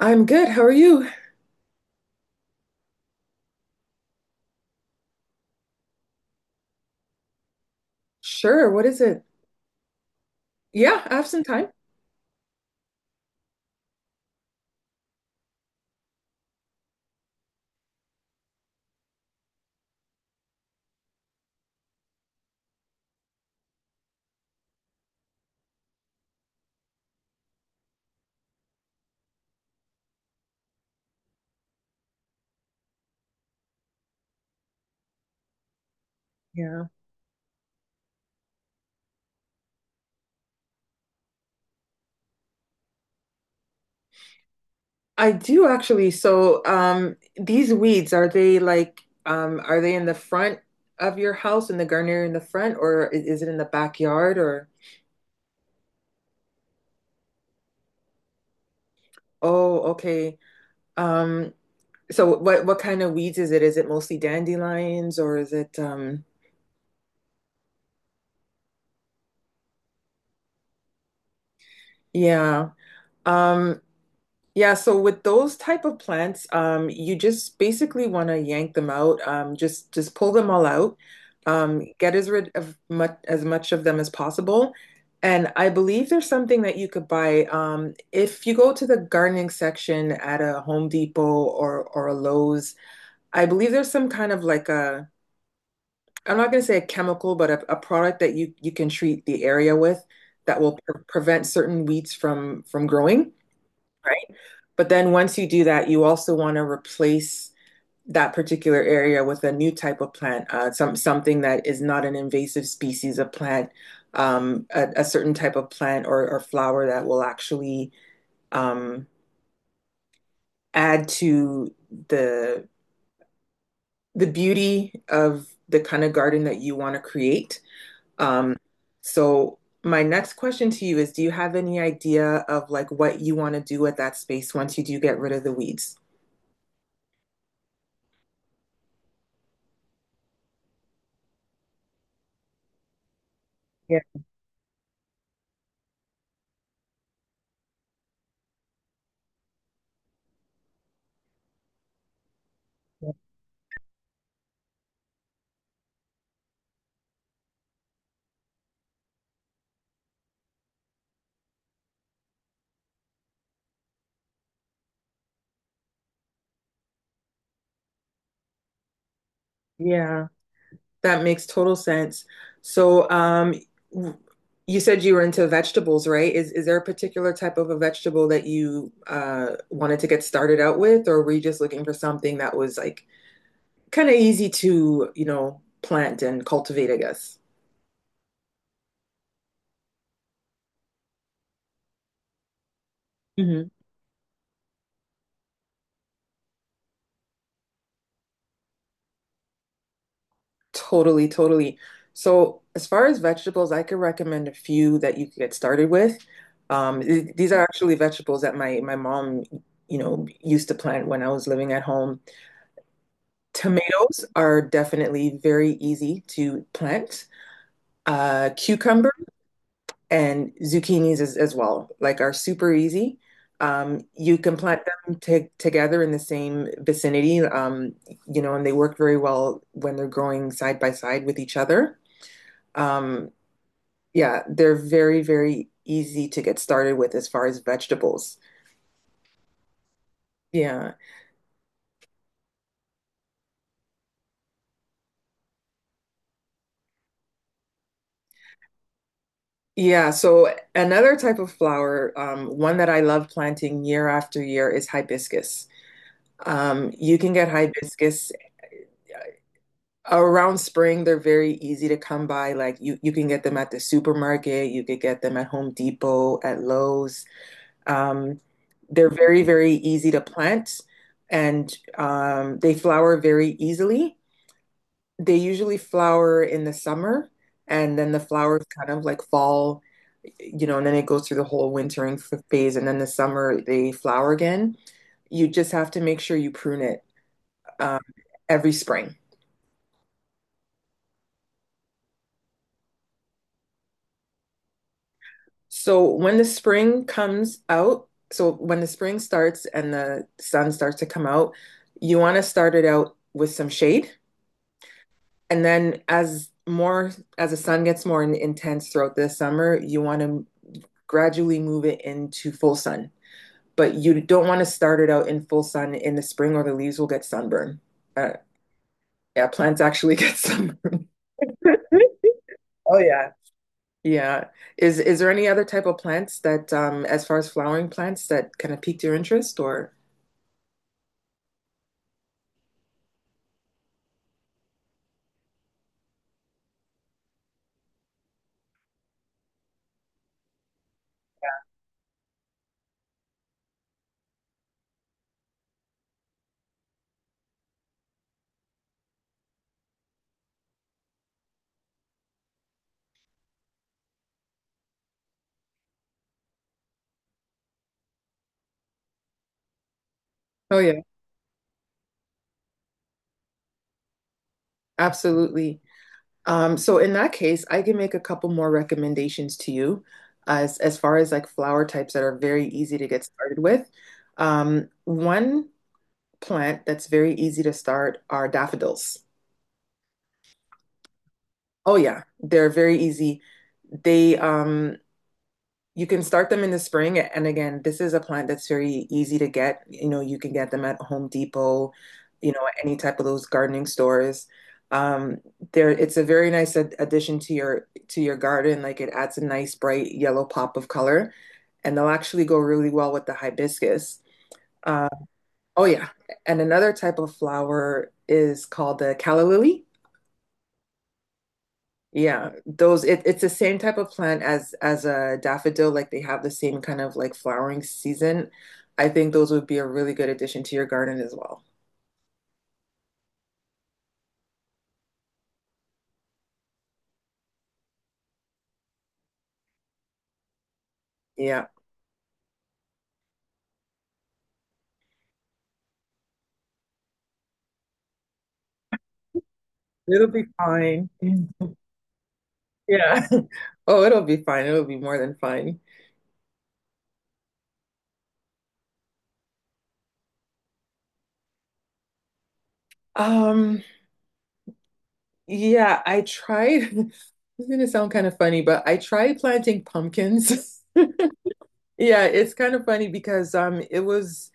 I'm good. How are you? Sure. What is it? Yeah, I have some time. Yeah. I do actually. So, these weeds, are they are they in the front of your house in the gardener in the front, or is it in the backyard or oh, okay. Um, so what kind of weeds is it? Is it mostly dandelions or is it yeah. Um, Yeah, so with those type of plants, you just basically want to yank them out. Just pull them all out. Get as rid of much as much of them as possible. And I believe there's something that you could buy. If you go to the gardening section at a Home Depot or a Lowe's, I believe there's some kind of like a I'm not going to say a chemical, but a product that you can treat the area with that will prevent certain weeds from growing. But then once you do that, you also want to replace that particular area with a new type of plant, something that is not an invasive species of plant, a certain type of plant or flower that will actually um, add to the the beauty of the kind of garden that you want to create. Um, so my next question to you is, do you have any idea of like what you want to do with that space once you do get rid of the weeds? Yeah, that makes total sense. So, w- you said you were into vegetables, right? Is there a particular type of a vegetable that you wanted to get started out with, or were you just looking for something that was like kind of easy to, you know, plant and cultivate, I guess? Totally, totally. So, as far as vegetables, I could recommend a few that you could get started with. These are actually vegetables that my mom, you know, used to plant when I was living at home. Tomatoes are definitely very easy to plant. Cucumber and zucchinis as well, like are super easy. You can plant them together in the same vicinity, you know, and they work very well when they're growing side by side with each other. Um, Yeah, they're very easy to get started with as far as vegetables. Yeah. Yeah, so another type of flower, one that I love planting year after year is hibiscus. You can get hibiscus around spring. They're very easy to come by. Like you can get them at the supermarket, you could get them at Home Depot, at Lowe's. Um, they're very easy to plant and they flower very easily. They usually flower in the summer, and then the flowers kind of like fall, you know, and then it goes through the whole wintering phase, and then the summer they flower again. You just have to make sure you prune it um, every spring. So when the spring comes out, so when the spring starts and the sun starts to come out, you want to start it out with some shade. And then as the sun gets more intense throughout the summer, you want to gradually move it into full sun. But you don't want to start it out in full sun in the spring or the leaves will get sunburn. Uh, yeah, plants actually get sunburn. Oh yeah. Yeah. Is there any other type of plants that, as far as flowering plants, that kind of piqued your interest or? Oh yeah, absolutely. So in that case, I can make a couple more recommendations to you as far as like flower types that are very easy to get started with. One plant that's very easy to start are daffodils. Oh yeah, they're very easy. They you can start them in the spring and again, this is a plant that's very easy to get. You know, you can get them at Home Depot, you know, any type of those gardening stores. Um there it's a very nice ad addition to your garden. Like it adds a nice bright yellow pop of color, and they'll actually go really well with the hibiscus. Uh, oh yeah. And another type of flower is called the calla lily. Yeah, those it's the same type of plant as a daffodil, like they have the same kind of like flowering season. I think those would be a really good addition to your garden as well. Yeah. It'll be fine. Yeah. Oh, it'll be fine. It'll be more than fine. Um, yeah, I tried. It's gonna sound kind of funny, but I tried planting pumpkins. Yeah, it's kind of funny because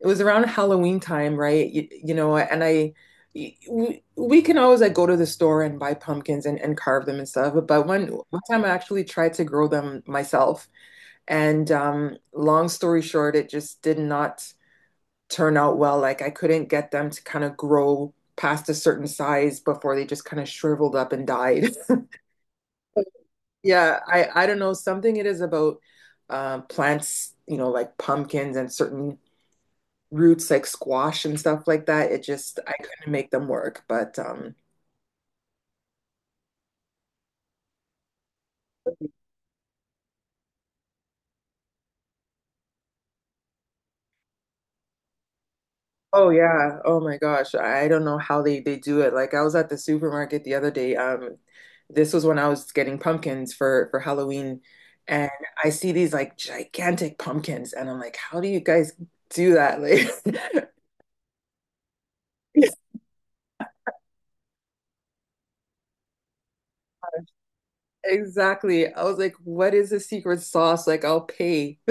it was around Halloween time, right? You know, and we can always like go to the store and buy pumpkins and carve them and stuff, but one time I actually tried to grow them myself and long story short, it just did not turn out well. Like I couldn't get them to kind of grow past a certain size before they just kind of shriveled up and died. Yeah, I don't know, something it is about plants, you know, like pumpkins and certain roots like squash and stuff like that. It just I couldn't make them work. But oh yeah. Oh my gosh. I don't know how they do it. Like I was at the supermarket the other day. This was when I was getting pumpkins for Halloween and I see these like gigantic pumpkins and I'm like, how do you guys do that? Like Exactly. I was like, what is the secret sauce? Like, I'll pay.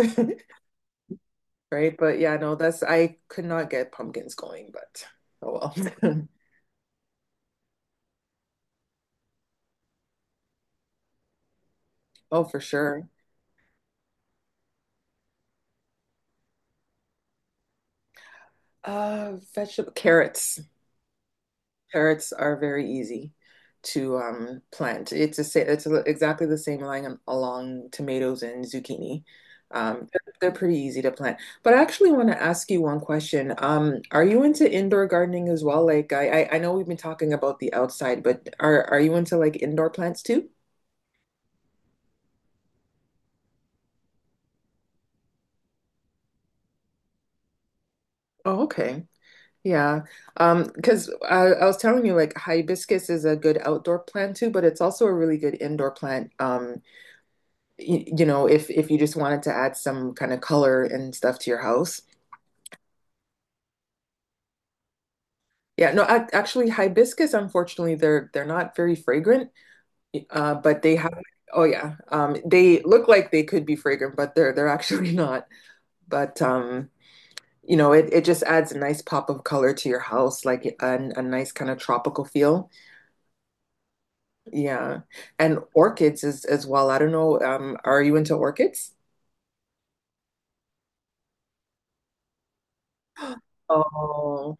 Right. But yeah, no, that's, I could not get pumpkins going, but oh well. Oh, for sure. Vegetable carrots. Carrots are very easy to plant. It's it's exactly the same line along tomatoes and zucchini. They're pretty easy to plant. But I actually want to ask you one question. Are you into indoor gardening as well? Like I know we've been talking about the outside, but are you into like indoor plants too? Oh, okay. Yeah. Because I was telling you like hibiscus is a good outdoor plant too, but it's also a really good indoor plant. You know, if you just wanted to add some kind of color and stuff to your house. Yeah, no, ac actually hibiscus, unfortunately, they're not very fragrant. But they have oh yeah. They look like they could be fragrant, but they're actually not. But you know, it just adds a nice pop of color to your house, like a nice kind of tropical feel. Yeah. And orchids is as well. I don't know. Are you into orchids? Oh.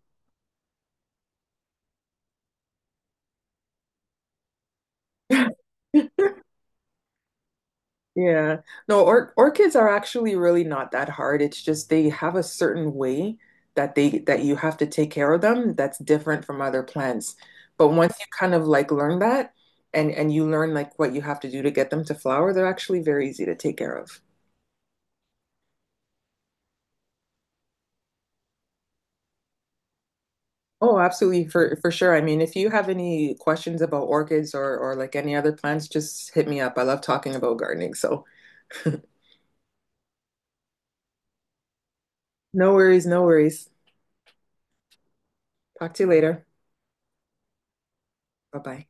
Yeah. No, or orchids are actually really not that hard. It's just they have a certain way that they that you have to take care of them that's different from other plants. But once you kind of like learn that and you learn like what you have to do to get them to flower, they're actually very easy to take care of. Oh, absolutely, for sure. I mean, if you have any questions about orchids or like any other plants, just hit me up. I love talking about gardening. So, no worries, no worries. Talk to you later. Bye-bye.